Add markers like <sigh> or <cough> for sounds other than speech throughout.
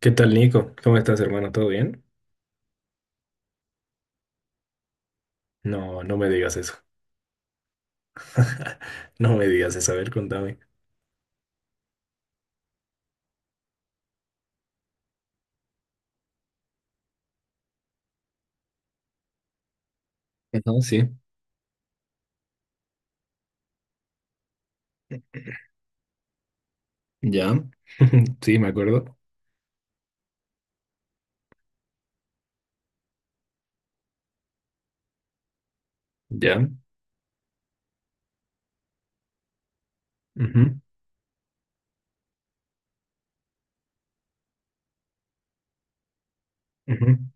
¿Qué tal, Nico? ¿Cómo estás, hermano? ¿Todo bien? No, no me digas eso. <laughs> No me digas eso. A ver, contame. Ajá, sí, ya. <laughs> Sí, me acuerdo. Ya. Ujú, ujú.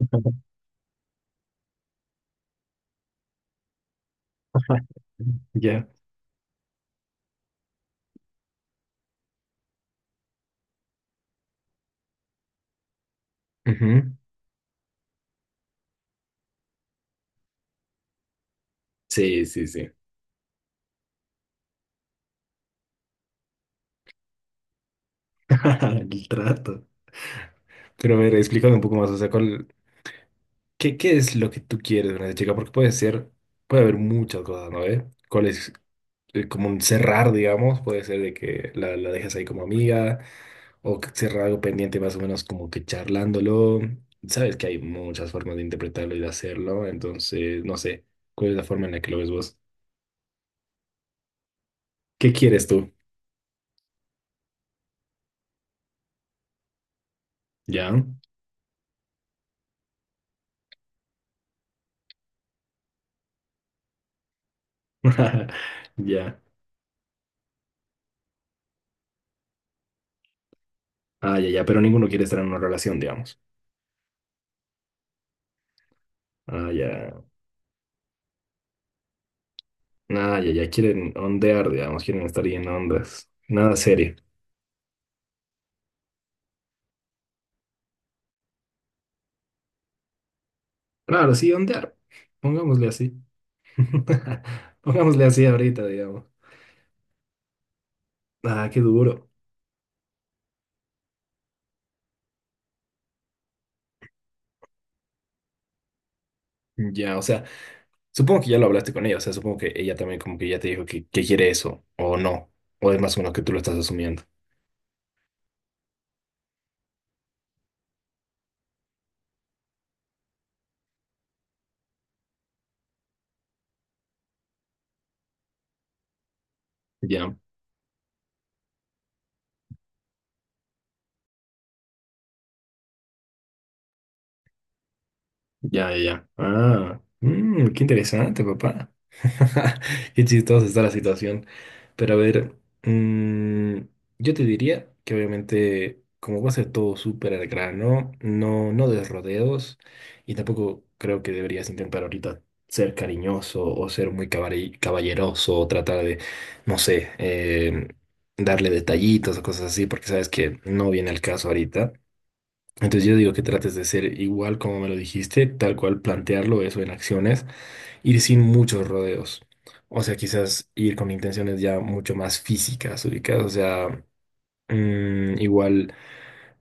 <laughs> Ya. Ujú. Sí, sí, sí. <laughs> El trato. Pero a ver, explícame un poco más. O sea, ¿Qué es lo que tú quieres de una chica? Porque puede ser, puede haber muchas cosas, ¿no? ¿Eh? ¿Cuál es, como un cerrar, digamos, puede ser de que la dejas ahí como amiga o que cerrar algo pendiente más o menos como que charlándolo. Sabes que hay muchas formas de interpretarlo y de hacerlo, entonces no sé, ¿cuál es la forma en la que lo ves vos? ¿Qué quieres tú? ¿Ya? <laughs> Ya. Ah, ya, ya, pero ninguno quiere estar en una relación, digamos. Ah, ya. Ah, ya, ya, quieren ondear, digamos, quieren estar ahí en ondas. Nada serio. Claro, sí, ondear. Pongámosle así. <laughs> Pongámosle así ahorita, digamos. Ah, qué duro. Ya, o sea, supongo que ya lo hablaste con ella, o sea, supongo que ella también como que ya te dijo que quiere eso, o no, o es más o menos que tú lo estás asumiendo. Ya, ya, ya, ya. Ah, qué interesante, papá. <laughs> Qué chistosa está la situación. Pero a ver, mm, yo te diría que obviamente, como va a ser todo súper al grano, no, no des rodeos y tampoco creo que deberías intentar ahorita ser cariñoso o ser muy caballeroso o tratar de, no sé, darle detallitos o cosas así, porque sabes que no viene al caso ahorita. Entonces yo digo que trates de ser igual como me lo dijiste, tal cual plantearlo eso en acciones, ir sin muchos rodeos. O sea, quizás ir con intenciones ya mucho más físicas, ubicadas. O sea, igual,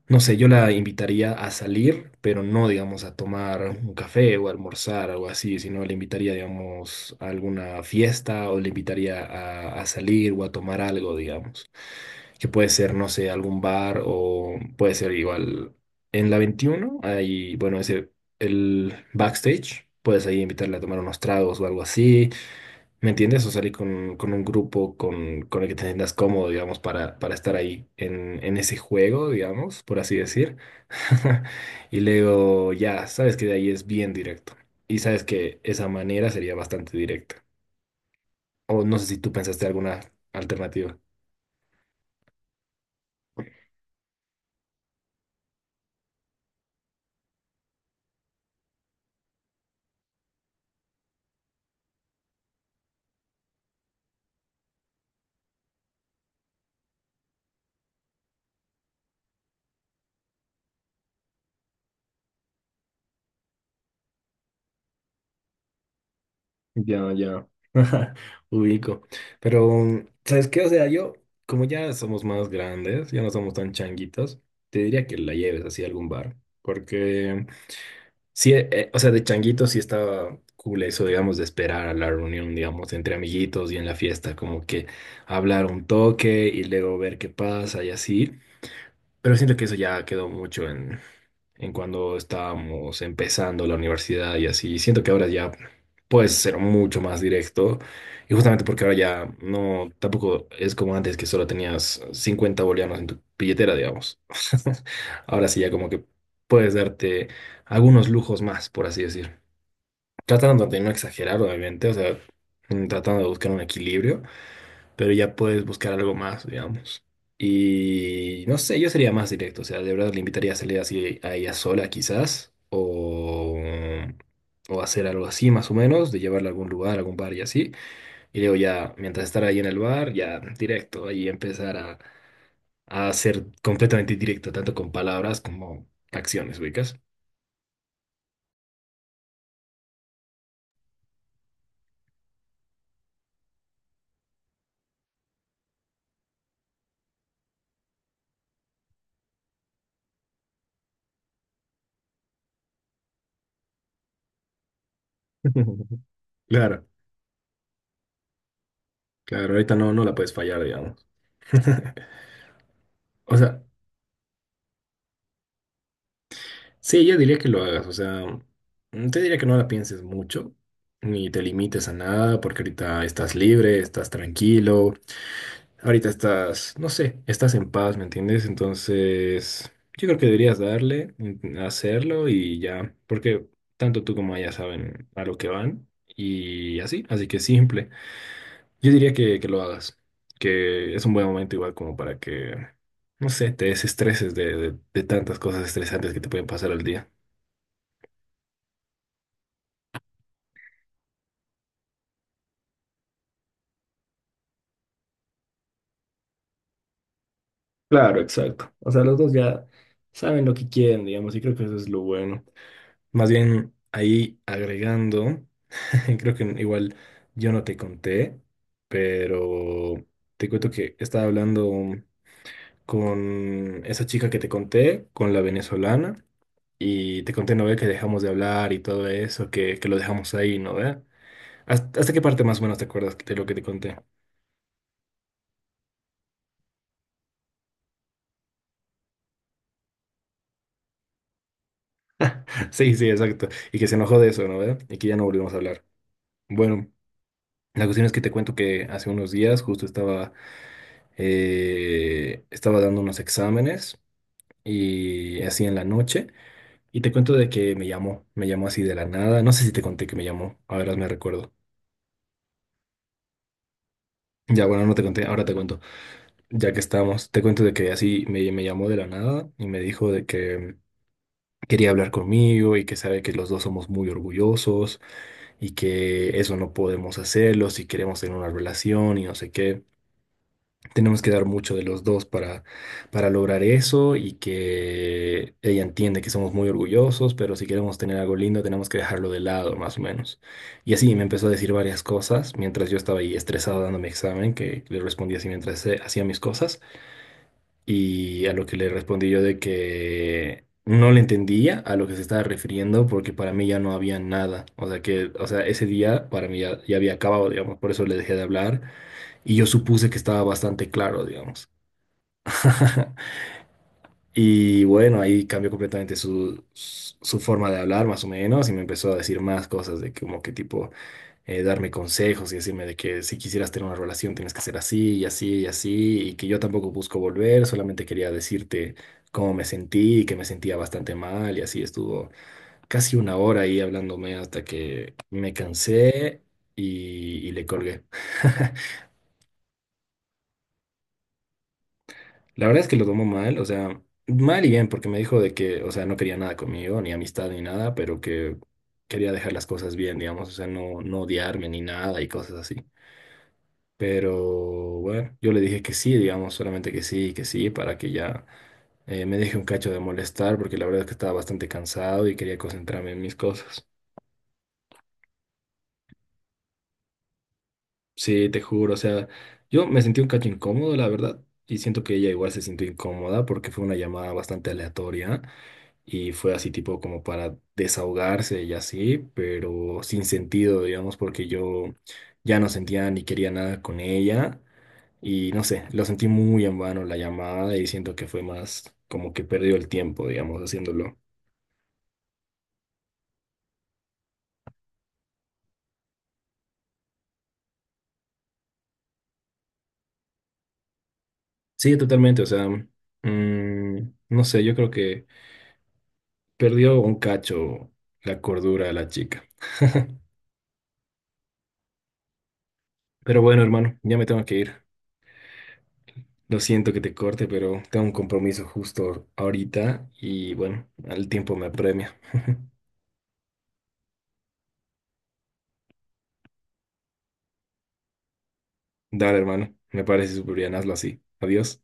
no sé, yo la invitaría a salir, pero no, digamos, a tomar un café o a almorzar, algo así, sino le invitaría, digamos, a alguna fiesta o le invitaría a salir o a tomar algo, digamos que puede ser, no sé, algún bar o puede ser igual. En la 21 hay, bueno, ese, el backstage, puedes ahí invitarle a tomar unos tragos o algo así, ¿me entiendes? O salir con un grupo con el que te sientas cómodo, digamos, para estar ahí en ese juego, digamos, por así decir. <laughs> Y luego ya, sabes que de ahí es bien directo. Y sabes que esa manera sería bastante directa. O no sé si tú pensaste alguna alternativa. Ya, ya. <laughs> Ubico. Pero, ¿sabes qué? O sea, yo, como ya somos más grandes, ya no somos tan changuitos, te diría que la lleves así a algún bar. Porque, sí, o sea, de changuitos sí estaba cool eso, digamos, de esperar a la reunión, digamos, entre amiguitos y en la fiesta, como que hablar un toque y luego ver qué pasa y así. Pero siento que eso ya quedó mucho en cuando estábamos empezando la universidad y así. Siento que ahora ya puedes ser mucho más directo y justamente porque ahora ya no, tampoco es como antes que solo tenías 50 bolivianos en tu billetera, digamos. <laughs> Ahora sí ya como que puedes darte algunos lujos más, por así decir. Tratando de no exagerar, obviamente, o sea, tratando de buscar un equilibrio, pero ya puedes buscar algo más, digamos. Y no sé, yo sería más directo, o sea, de verdad le invitaría a salir así a ella sola quizás, o hacer algo así más o menos, de llevarla a algún lugar, a algún bar y así. Y luego ya, mientras estar ahí en el bar, ya directo, ahí empezar a ser completamente directo, tanto con palabras como acciones, ubicas. <laughs> Claro, claro, ahorita no, no la puedes fallar, digamos. <laughs> O sea, sí, yo diría que lo hagas, o sea, te diría que no la pienses mucho, ni te limites a nada, porque ahorita estás libre, estás tranquilo, ahorita estás, no sé, estás en paz, ¿me entiendes? Entonces, yo creo que deberías darle, hacerlo y ya, porque tanto tú como ella saben a lo que van y así, así que simple. Yo diría que lo hagas, que es un buen momento igual como para que, no sé, te desestreses de tantas cosas estresantes que te pueden pasar al día. Claro, exacto. O sea, los dos ya saben lo que quieren, digamos, y creo que eso es lo bueno. Más bien, ahí agregando, <laughs> creo que igual yo no te conté, pero te cuento que estaba hablando con esa chica que te conté, con la venezolana, y te conté, ¿no ve? Que dejamos de hablar y todo eso, que lo dejamos ahí, ¿no ve? ¿Hasta qué parte más o menos te acuerdas de lo que te conté? <laughs> Sí, sí, exacto. Y que se enojó de eso, ¿no ve? Y que ya no volvimos a hablar. Bueno. La cuestión es que te cuento que hace unos días justo estaba dando unos exámenes y así en la noche. Y te cuento de que me llamó así de la nada. No sé si te conté que me llamó. A Ahora me recuerdo. Ya, bueno, no te conté, ahora te cuento. Ya que estamos, te cuento de que así me llamó de la nada y me dijo de que quería hablar conmigo y que sabe que los dos somos muy orgullosos y que eso no podemos hacerlo si queremos tener una relación y no sé qué. Tenemos que dar mucho de los dos para lograr eso y que ella entiende que somos muy orgullosos, pero si queremos tener algo lindo tenemos que dejarlo de lado, más o menos. Y así me empezó a decir varias cosas mientras yo estaba ahí estresado dando mi examen, que le respondí así mientras hacía mis cosas, y a lo que le respondí yo de que... No le entendía a lo que se estaba refiriendo porque para mí ya no había nada. O sea que, o sea, ese día para mí ya había acabado, digamos, por eso le dejé de hablar y yo supuse que estaba bastante claro, digamos. <laughs> Y bueno, ahí cambió completamente su forma de hablar, más o menos, y me empezó a decir más cosas de como que tipo, darme consejos y decirme de que si quisieras tener una relación tienes que ser así y así y así, y que yo tampoco busco volver, solamente quería decirte cómo me sentí, que me sentía bastante mal, y así estuvo casi una hora ahí hablándome hasta que me cansé y le colgué. <laughs> La verdad es que lo tomó mal, o sea, mal y bien, porque me dijo de que, o sea, no quería nada conmigo, ni amistad ni nada, pero que quería dejar las cosas bien, digamos, o sea, no odiarme ni nada y cosas así. Pero bueno, yo le dije que sí, digamos, solamente que sí, para que ya me deje un cacho de molestar, porque la verdad es que estaba bastante cansado y quería concentrarme en mis cosas. Sí, te juro, o sea, yo me sentí un cacho incómodo, la verdad, y siento que ella igual se sintió incómoda porque fue una llamada bastante aleatoria. Y fue así tipo como para desahogarse y así, pero sin sentido, digamos, porque yo ya no sentía ni quería nada con ella y no sé, lo sentí muy en vano la llamada y siento que fue más como que perdió el tiempo, digamos, haciéndolo. Sí, totalmente, o sea, no sé, yo creo que perdió un cacho la cordura de la chica. <laughs> Pero bueno, hermano, ya me tengo que ir. Lo siento que te corte, pero tengo un compromiso justo ahorita y bueno, el tiempo me apremia. Dale, hermano, me parece súper bien, hazlo así. Adiós.